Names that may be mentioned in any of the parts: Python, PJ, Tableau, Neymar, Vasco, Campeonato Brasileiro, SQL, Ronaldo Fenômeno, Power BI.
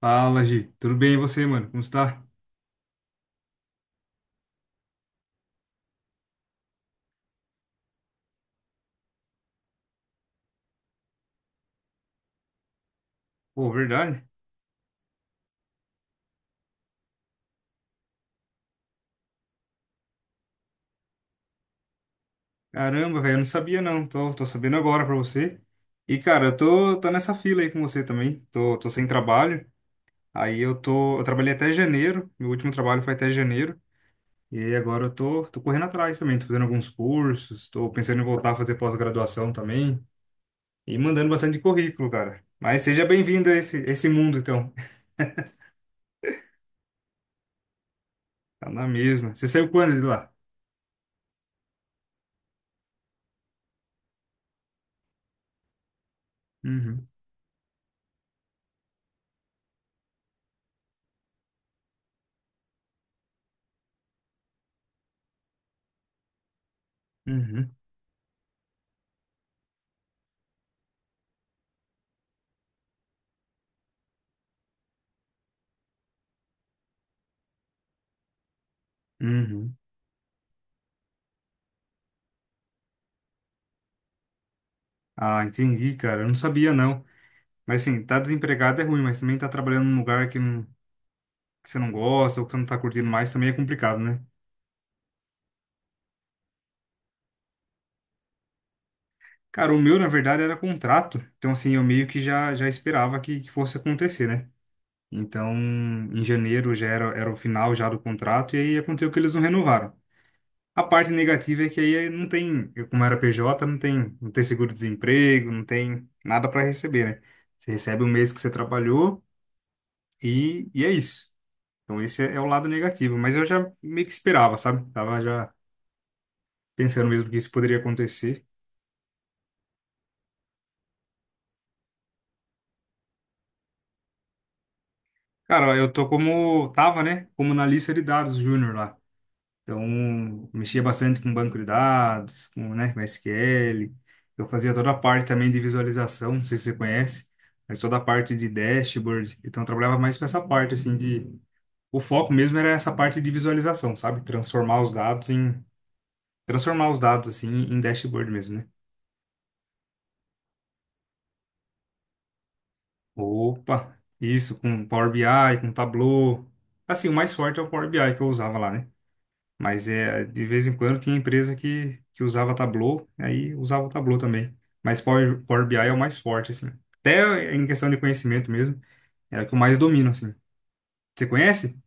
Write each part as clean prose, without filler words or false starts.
Fala, Gi. Tudo bem e você, mano? Como está? Pô, verdade? Caramba, velho, eu não sabia não. Tô sabendo agora pra você. E, cara, eu tô nessa fila aí com você também. Tô sem trabalho. Aí eu tô. Eu trabalhei até janeiro. Meu último trabalho foi até janeiro. E aí agora eu tô correndo atrás também. Tô fazendo alguns cursos. Tô pensando em voltar a fazer pós-graduação também. E mandando bastante currículo, cara. Mas seja bem-vindo a esse mundo, então. Tá na mesma. Você saiu quando de lá? Uhum, uhum, uhum. Ah, entendi, cara. Eu não sabia, não. Mas assim, tá desempregado é ruim, mas também tá trabalhando num lugar que, que você não gosta ou que você não tá curtindo mais também é complicado, né? Cara, o meu, na verdade, era contrato. Então, assim, eu meio que já esperava que fosse acontecer, né? Então, em janeiro já era o final já do contrato e aí aconteceu que eles não renovaram. A parte negativa é que aí não tem, eu, como era PJ, não tem seguro-desemprego, não tem nada para receber, né? Você recebe o mês que você trabalhou e é isso. Então esse é o lado negativo, mas eu já meio que esperava, sabe? Tava já pensando mesmo que isso poderia acontecer. Cara, eu tô como tava, né? Como na lista de dados júnior lá. Então, mexia bastante com banco de dados, com, né, com SQL. Eu fazia toda a parte também de visualização, não sei se você conhece, mas toda a parte de dashboard. Então, eu trabalhava mais com essa parte assim de o foco mesmo era essa parte de visualização, sabe? Transformar os dados em transformar os dados assim em dashboard mesmo, né? Opa, isso, com Power BI, com Tableau. Assim, o mais forte é o Power BI que eu usava lá, né? Mas é, de vez em quando tinha empresa que usava Tableau, aí usava o Tableau também. Mas Power BI é o mais forte, assim. Até em questão de conhecimento mesmo, é o que eu mais domino, assim. Você conhece?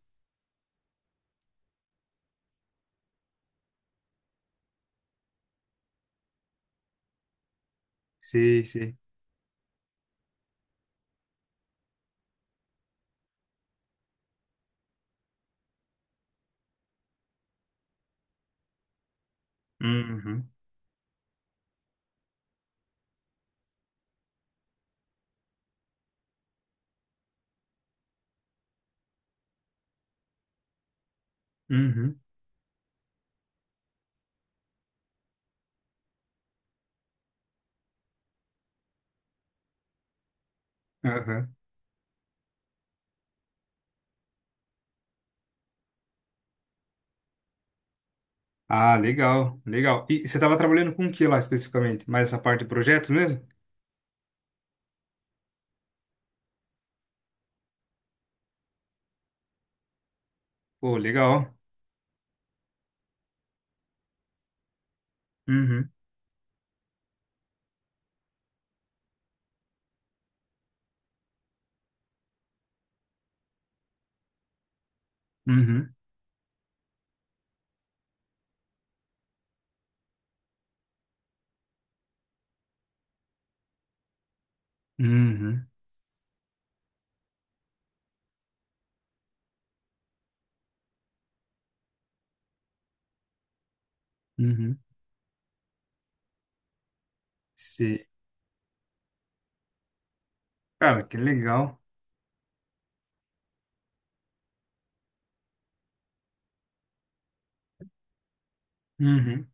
Sim, sim. Uhum, uhum, aham. Ah, legal, legal. E você estava trabalhando com o que lá especificamente? Mais essa parte de projetos mesmo? Pô, legal. Uhum, uhum, uhum, uhum. Sei. Cara, que legal. Uhum.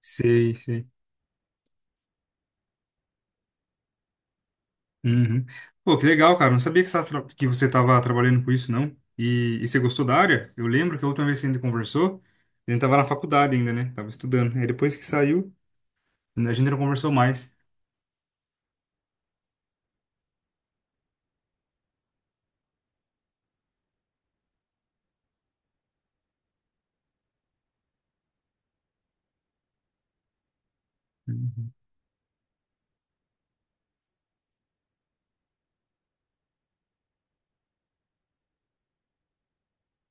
Sei, sei. Uhum. Pô, que legal, cara. Não sabia que você estava que você estava trabalhando com isso, não. E você gostou da área? Eu lembro que a última vez que a gente conversou, a gente estava na faculdade ainda, né? Tava estudando. Aí depois que saiu, a gente não conversou mais. Uhum.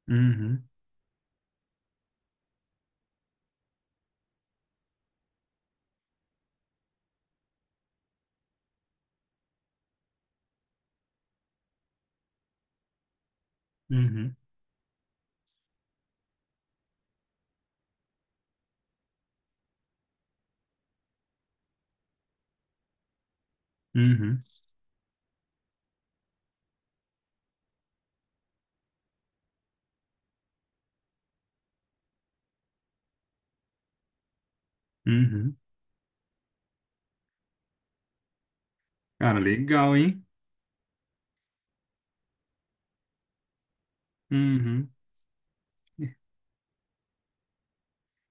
Uhum. Uhum. Uhum. Uhum. Cara, legal, hein? Uhum.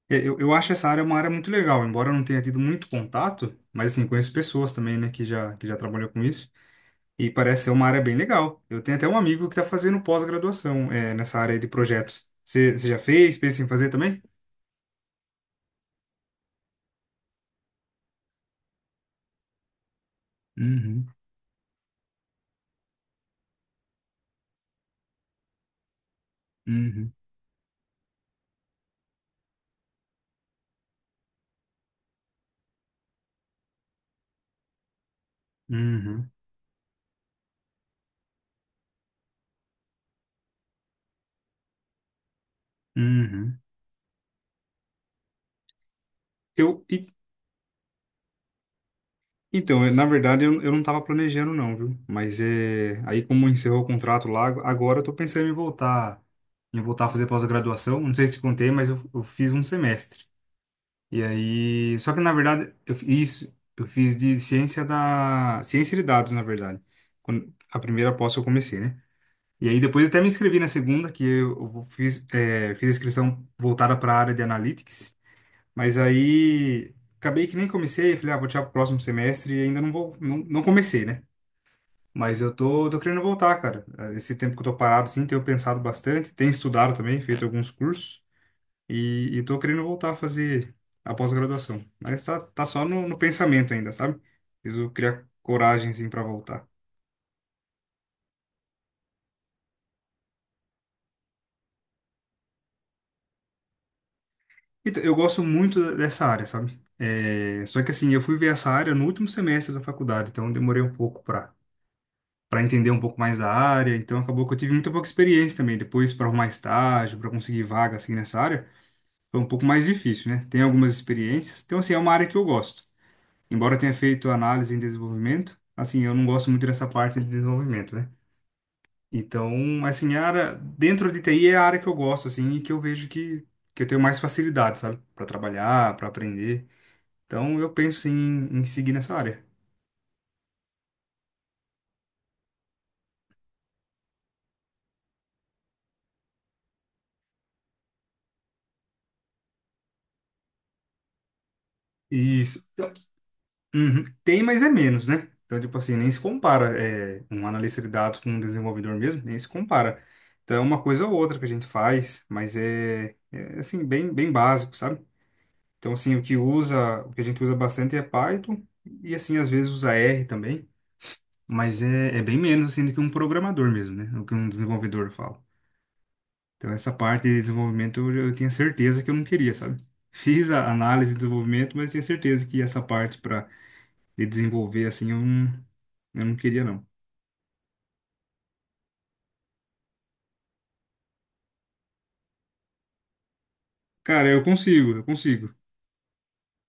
É, eu acho essa área uma área muito legal, embora eu não tenha tido muito contato, mas assim, conheço pessoas também, né, que já trabalhou com isso. E parece ser uma área bem legal. Eu tenho até um amigo que está fazendo pós-graduação, é, nessa área de projetos. Você já fez? Pensa em fazer também? Uhum, uhum. Uhum, uhum. Eu, e- então, eu- Na verdade, eu não estava planejando não, viu? Mas é, aí como encerrou o contrato lá, agora eu tô pensando em voltar a fazer pós-graduação. Não sei se te contei, mas eu fiz um semestre. E aí, só que na verdade, eu fiz isso, eu fiz de ciência da ciência de dados, na verdade. Quando a primeira pós que eu comecei, né? E aí depois eu até me inscrevi na segunda, que eu fiz fiz a inscrição voltada para a área de analytics, mas aí acabei que nem comecei, falei, ah, vou tirar pro próximo semestre e ainda não vou não, não comecei, né? Mas eu tô querendo voltar, cara. Esse tempo que eu tô parado, assim, tenho pensado bastante, tenho estudado também, feito alguns cursos. E tô querendo voltar a fazer a pós-graduação. Mas tá só no, no pensamento ainda, sabe? Preciso criar coragem, assim, pra voltar. Então, eu gosto muito dessa área, sabe? É, só que, assim, eu fui ver essa área no último semestre da faculdade, então eu demorei um pouco pra entender um pouco mais da área. Então, acabou que eu tive muito pouca experiência também. Depois, pra arrumar estágio, pra conseguir vaga, assim, nessa área, foi um pouco mais difícil, né? Tem algumas experiências. Então, assim, é uma área que eu gosto. Embora eu tenha feito análise em desenvolvimento, assim, eu não gosto muito dessa parte de desenvolvimento, né? Então, assim, a área dentro de TI é a área que eu gosto, assim, e que eu vejo que eu tenho mais facilidade, sabe? Para trabalhar, para aprender. Então, eu penso sim, em seguir nessa área. Isso. Uhum. Tem, mas é menos, né? Então, tipo assim, nem se compara é, um analista de dados com um desenvolvedor mesmo, nem se compara. Então, é uma coisa ou outra que a gente faz, mas é assim, bem básico, sabe? Então, assim, o que usa, o que a gente usa bastante é Python e, assim, às vezes usa R também. Mas é bem menos assim do que um programador mesmo, né? O que um desenvolvedor fala. Então, essa parte de desenvolvimento eu tinha certeza que eu não queria, sabe? Fiz a análise de desenvolvimento, mas tinha certeza que essa parte para de desenvolver assim eu não queria, não. Cara, eu consigo, eu consigo.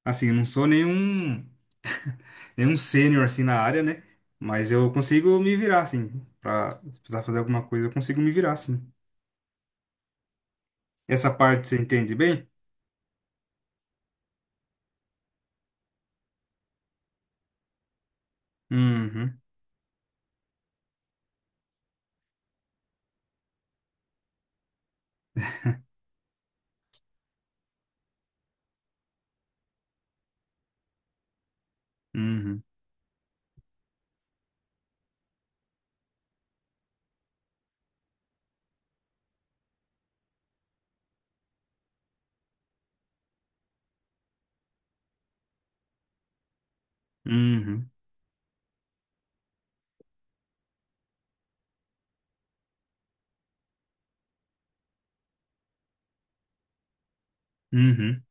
Assim, eu não sou nenhum sênior assim na área, né? Mas eu consigo me virar, assim. Pra, se precisar fazer alguma coisa, eu consigo me virar, assim. Essa parte você entende bem? Uhum, uhum, uhum, uhum.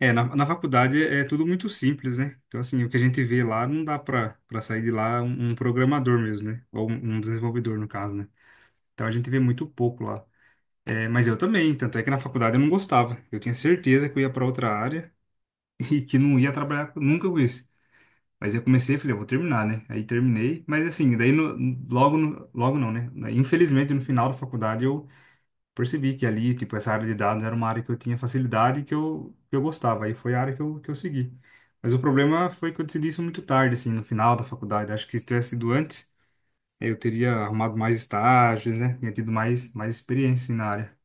É, na faculdade é tudo muito simples, né? Então, assim, o que a gente vê lá não dá para para sair de lá um, um programador mesmo, né? Ou um desenvolvedor, no caso, né? Então a gente vê muito pouco lá. É, mas eu também, tanto é que na faculdade eu não gostava. Eu tinha certeza que eu ia para outra área e que não ia nunca com isso. Mas eu comecei e falei, eu vou terminar, né? Aí terminei, mas assim, daí no- logo, logo não, né? Infelizmente, no final da faculdade eu percebi que ali, tipo, essa área de dados era uma área que eu tinha facilidade e que que eu gostava. Aí foi a área que que eu segui. Mas o problema foi que eu decidi isso muito tarde, assim, no final da faculdade. Acho que se tivesse sido antes, eu teria arrumado mais estágios, né? Tinha tido mais experiência, assim, na área.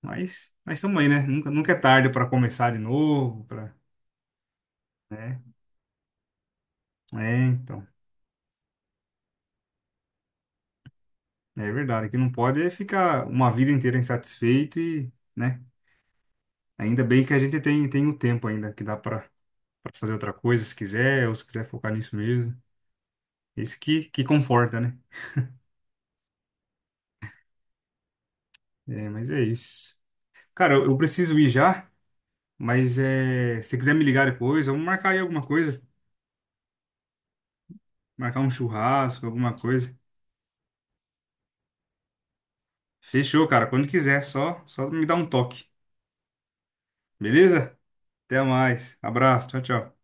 Mas também, né? Nunca é tarde para começar de novo, para, né? É, então. É verdade, que não pode é ficar uma vida inteira insatisfeito e, né? Ainda bem que a gente tem o tempo ainda, que dá para fazer outra coisa se quiser, ou se quiser focar nisso mesmo. Esse que conforta, né? É, mas é isso. Cara, eu preciso ir já, mas é, se quiser me ligar depois, vamos marcar aí alguma coisa. Marcar um churrasco, alguma coisa. Fechou, cara. Quando quiser, só me dá um toque. Beleza? Até mais. Abraço. Tchau, tchau.